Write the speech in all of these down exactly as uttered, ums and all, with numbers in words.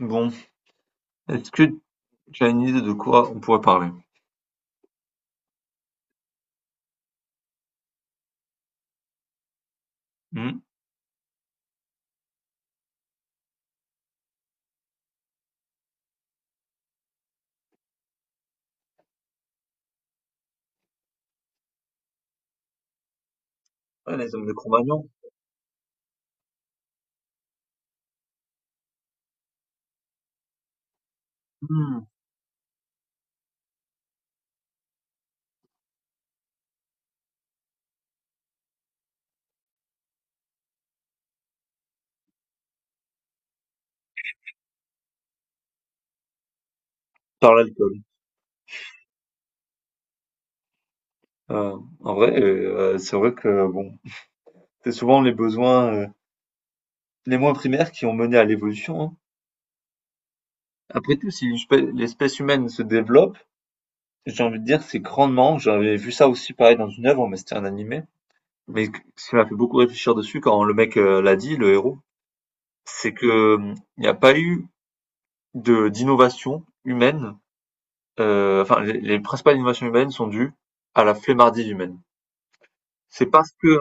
Bon, est-ce que tu as une idée de quoi on pourrait parler? Hmm? Ouais, les hommes de Cro-Magnon, hmm, par l'alcool. Euh, en vrai, euh, c'est vrai que bon, c'est souvent les besoins euh, les moins primaires qui ont mené à l'évolution. hein. Après tout, si l'espèce l'espèce humaine se développe, j'ai envie de dire, c'est grandement. J'avais vu ça aussi pareil dans une œuvre, mais c'était un animé. Mais que- ce qui m'a fait beaucoup réfléchir dessus quand le mec euh, l'a dit, le héros, c'est que hum, il n'y a pas eu de d'innovation humaine heu, enfin les les principales innovations humaines sont dues à la flemmardise humaine. C'est parce que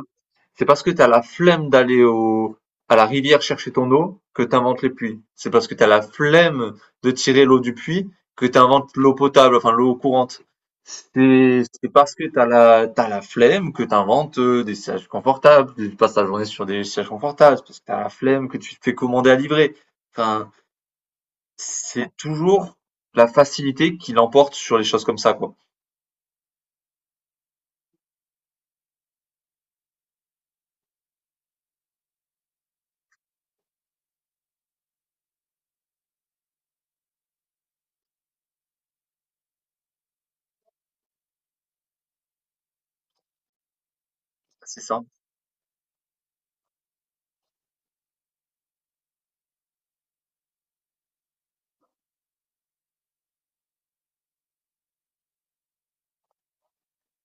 c'est parce que t'as la flemme d'aller au à la rivière chercher ton eau que t'inventes les puits. C'est parce que t'as la flemme de tirer l'eau du puits que t'inventes l'eau potable, enfin l'eau courante. C'est c'est parce que t'as la t'as la flemme que t'inventes inventes, des sièges confortables, que tu passes ta journée sur des sièges confortables. C'est parce que t'as la flemme que tu te fais commander à livrer. Enfin, c'est toujours la facilité qui l'emporte sur les choses comme ça, quoi. C'est ça.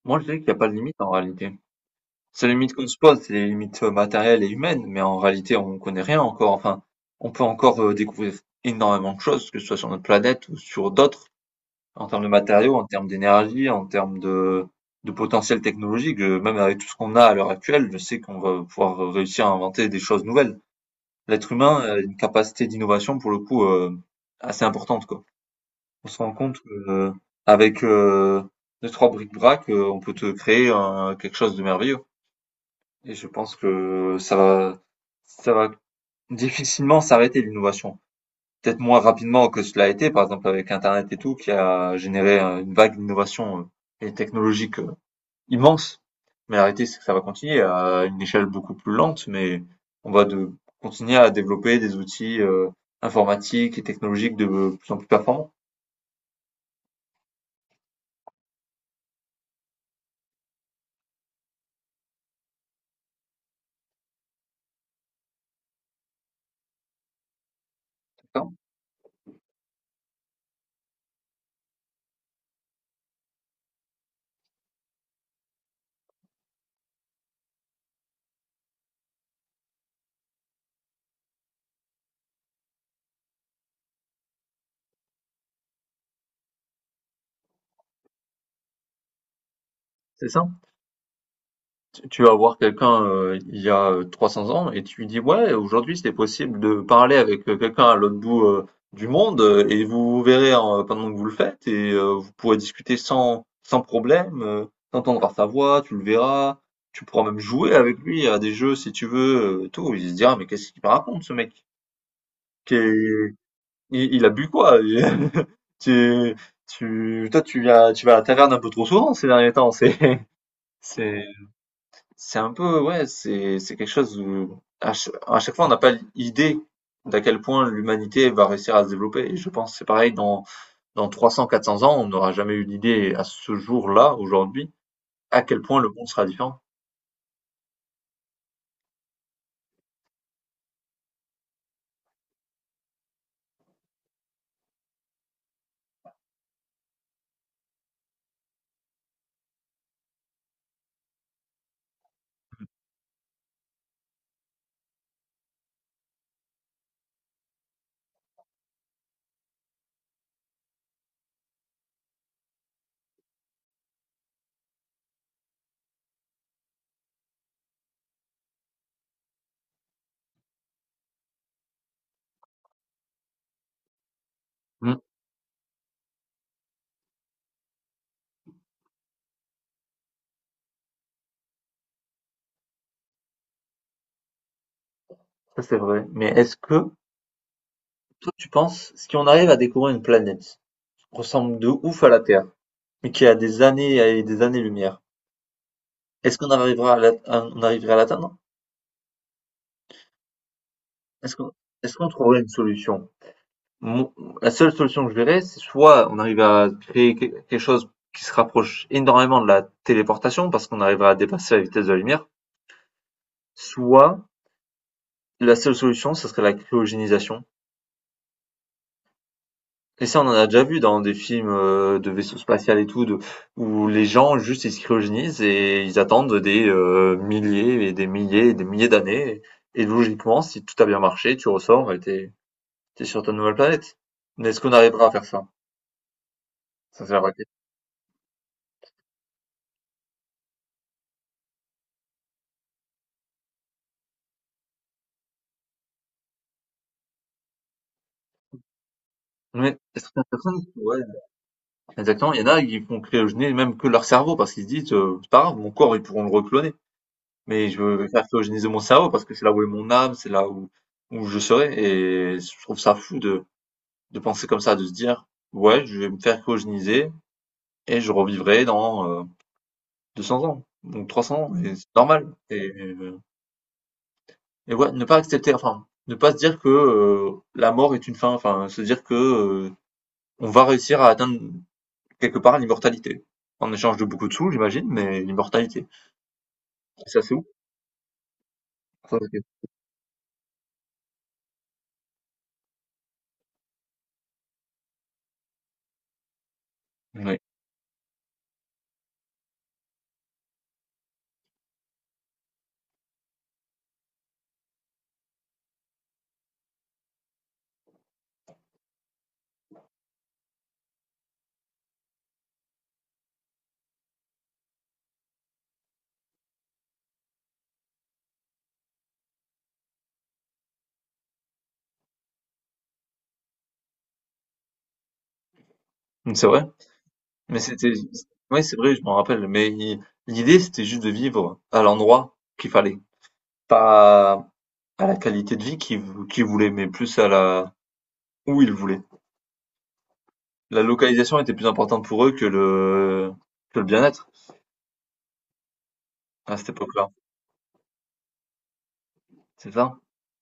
Moi, je dirais qu'il n'y a pas de limite en réalité. C'est les limites qu'on se pose, c'est les limites euh, matérielles et humaines, mais en réalité, on ne connaît rien encore. Enfin, on peut encore euh, découvrir énormément de choses, que ce soit sur notre planète ou sur d'autres, en termes de matériaux, en termes d'énergie, en termes de, de potentiel technologique. Euh, Même avec tout ce qu'on a à l'heure actuelle, je sais qu'on va pouvoir euh, réussir à inventer des choses nouvelles. L'être humain a une capacité d'innovation, pour le coup, euh, assez importante, quoi. On se rend compte que, heu, avec, heu, deux trois bric-brac, heu, on peut te créer un quelque chose de merveilleux et je pense que ça va ça va difficilement s'arrêter l'innovation. Peut-être moins rapidement que cela a été, par exemple avec internet et tout, qui a généré, heu, une vague d'innovation, heu et technologique, heu, immense. Mais la réalité, c'est que ça va continuer à une échelle beaucoup plus lente, mais on va de continuer à développer des outils, heu, informatiques et technologiques de plus en plus performants, C'est ça? Tu vas voir quelqu'un euh, il y a euh, trois cents ans et tu lui dis, ouais, aujourd'hui c'était possible de parler avec euh, quelqu'un à l'autre bout euh, du monde euh, et vous vous verrez hein, pendant que vous le faites et euh, vous pourrez discuter sans, sans problème, euh, t'entendras sa voix, tu le verras, tu pourras même jouer avec lui à des jeux si tu veux, euh, tout. Il se dira, mais qu'est-ce qu'il me raconte ce mec? Qu'est- Il, il a bu quoi? Tu, tu, toi, tu viens, tu vas à la taverne un peu trop souvent ces derniers temps, c'est, c'est, c'est un peu, ouais, c'est c'est quelque chose où à, ch- à chaque fois on n'a pas l'idée d'à quel point l'humanité va réussir à se développer. Et je pense que c'est pareil dans dans trois cents, quatre cents ans, on n'aura jamais eu l'idée à ce jour-là, aujourd'hui, à quel point le monde sera différent. Mm. Ça c'est vrai. Mais est-ce que toi tu penses si on arrive à découvrir une planète qui ressemble de ouf à la Terre, mais qui a des années et des années-lumière, est-ce qu'on arrivera à la- à- on arriverait à l'atteindre? Est-ce qu'on est-ce qu'on trouverait une solution? Mon la seule solution que je verrais, c'est soit on arrive à créer qu quelque chose qui se rapproche énormément de la téléportation parce qu'on arrivera à dépasser la vitesse de la lumière, soit la seule solution, ce serait la cryogénisation. Et ça, on en a déjà vu dans des films euh, de vaisseaux spatial et tout, de, où les gens juste ils se cryogénisent et ils attendent des euh, milliers et des milliers et des milliers d'années. Et logiquement, si tout a bien marché, tu ressors et t'es es sur ta nouvelle planète. Mais est-ce qu'on arrivera à faire ça? Ça, c'est la vraie question. Mais est-ce que certaines personnes, ouais. Exactement, il y en a, ils font cryogéner même que leur cerveau parce qu'ils se disent, heu, c'est pas grave, mon corps, ils pourront le recloner, mais je veux faire cryogéniser mon cerveau parce que c'est là où est mon âme, c'est là où où je serai et je trouve ça fou de de penser comme ça, de se dire: «Ouais, je vais me faire cryogéniser et je revivrai dans, euh, deux cents ans ou trois cents ans» et c'est normal et euh, et ouais, ne pas accepter, enfin, ne pas se dire que, heu, la mort est une fin, enfin, se dire que, heu, on va réussir à atteindre quelque part l'immortalité. En échange de beaucoup de sous, j'imagine, mais l'immortalité. Ça, c'est où? Ah, OK. Oui, mmh, c'est vrai. Mais c'était oui, c'est vrai, je m'en rappelle. Mais i l'idée, c'était juste de vivre à l'endroit qu'il fallait. Pas à la qualité de vie qu'ils vou qu'ils voulaient, mais plus à la où ils voulaient. La localisation était plus importante pour eux que le que le bien-être à cette époque-là. C'est ça.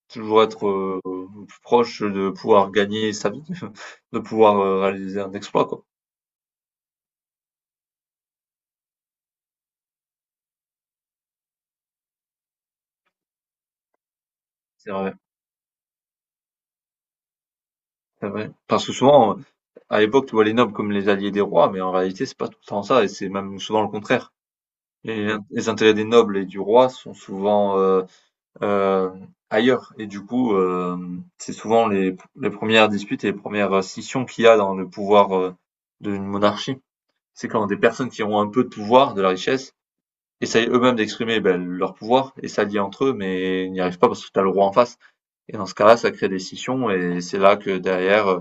Toujours être, heu, plus proche de pouvoir gagner sa vie, de pouvoir, heu, réaliser un exploit, quoi. C'est vrai, c'est vrai. Parce que souvent, À l'époque, tu vois les nobles comme les alliés des rois, mais en réalité, c'est pas tout le temps ça, et c'est même souvent le contraire. Et les les intérêts des nobles et du roi sont souvent euh, euh, ailleurs, et du coup, euh, c'est souvent les, les premières disputes et les premières scissions qu'il y a dans le pouvoir euh, d'une monarchie. C'est quand des personnes qui ont un peu de pouvoir, de la richesse, essayent eux-mêmes d'exprimer ben, leur pouvoir et s'allient entre eux, mais n'y arrivent pas parce que t'as le roi en face. Et dans ce cas-là, ça crée des scissions, et c'est là que derrière euh,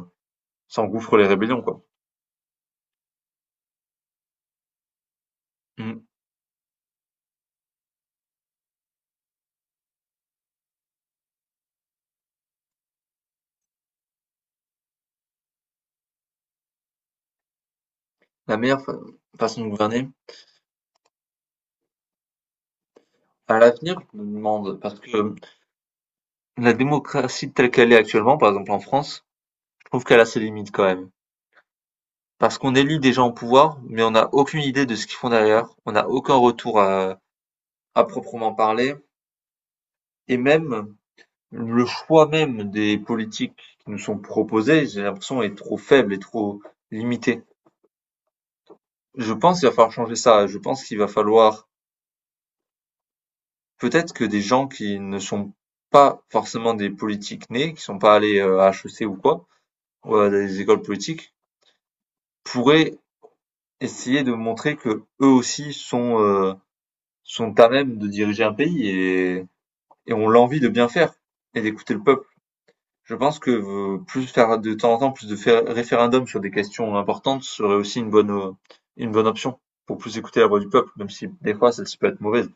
s'engouffrent les rébellions, quoi. Mm. La meilleure fa- façon de gouverner? À l'avenir, je me demande, parce que euh, la démocratie telle qu'elle est actuellement, par exemple en France, je trouve qu'elle a ses limites quand même. Parce qu'on élit des gens au pouvoir, mais on n'a aucune idée de ce qu'ils font derrière, on n'a aucun retour à, à proprement parler, et même le choix même des politiques qui nous sont proposées, j'ai l'impression, est trop faible et trop limité. Je pense qu'il va falloir changer ça, je pense qu'il va falloir Peut-être que des gens qui ne sont pas forcément des politiques nés, qui sont pas allés, heu, à H E C ou quoi, ou à des écoles politiques, pourraient essayer de montrer que eux aussi sont, heu, sont à même de diriger un pays et et ont l'envie de bien faire et d'écouter le peuple. Je pense que, heu, plus faire de temps en temps plus de faire référendums sur des questions importantes serait aussi une bonne, heu, une bonne option pour plus écouter la voix du peuple, même si des fois celle-ci peut être mauvaise.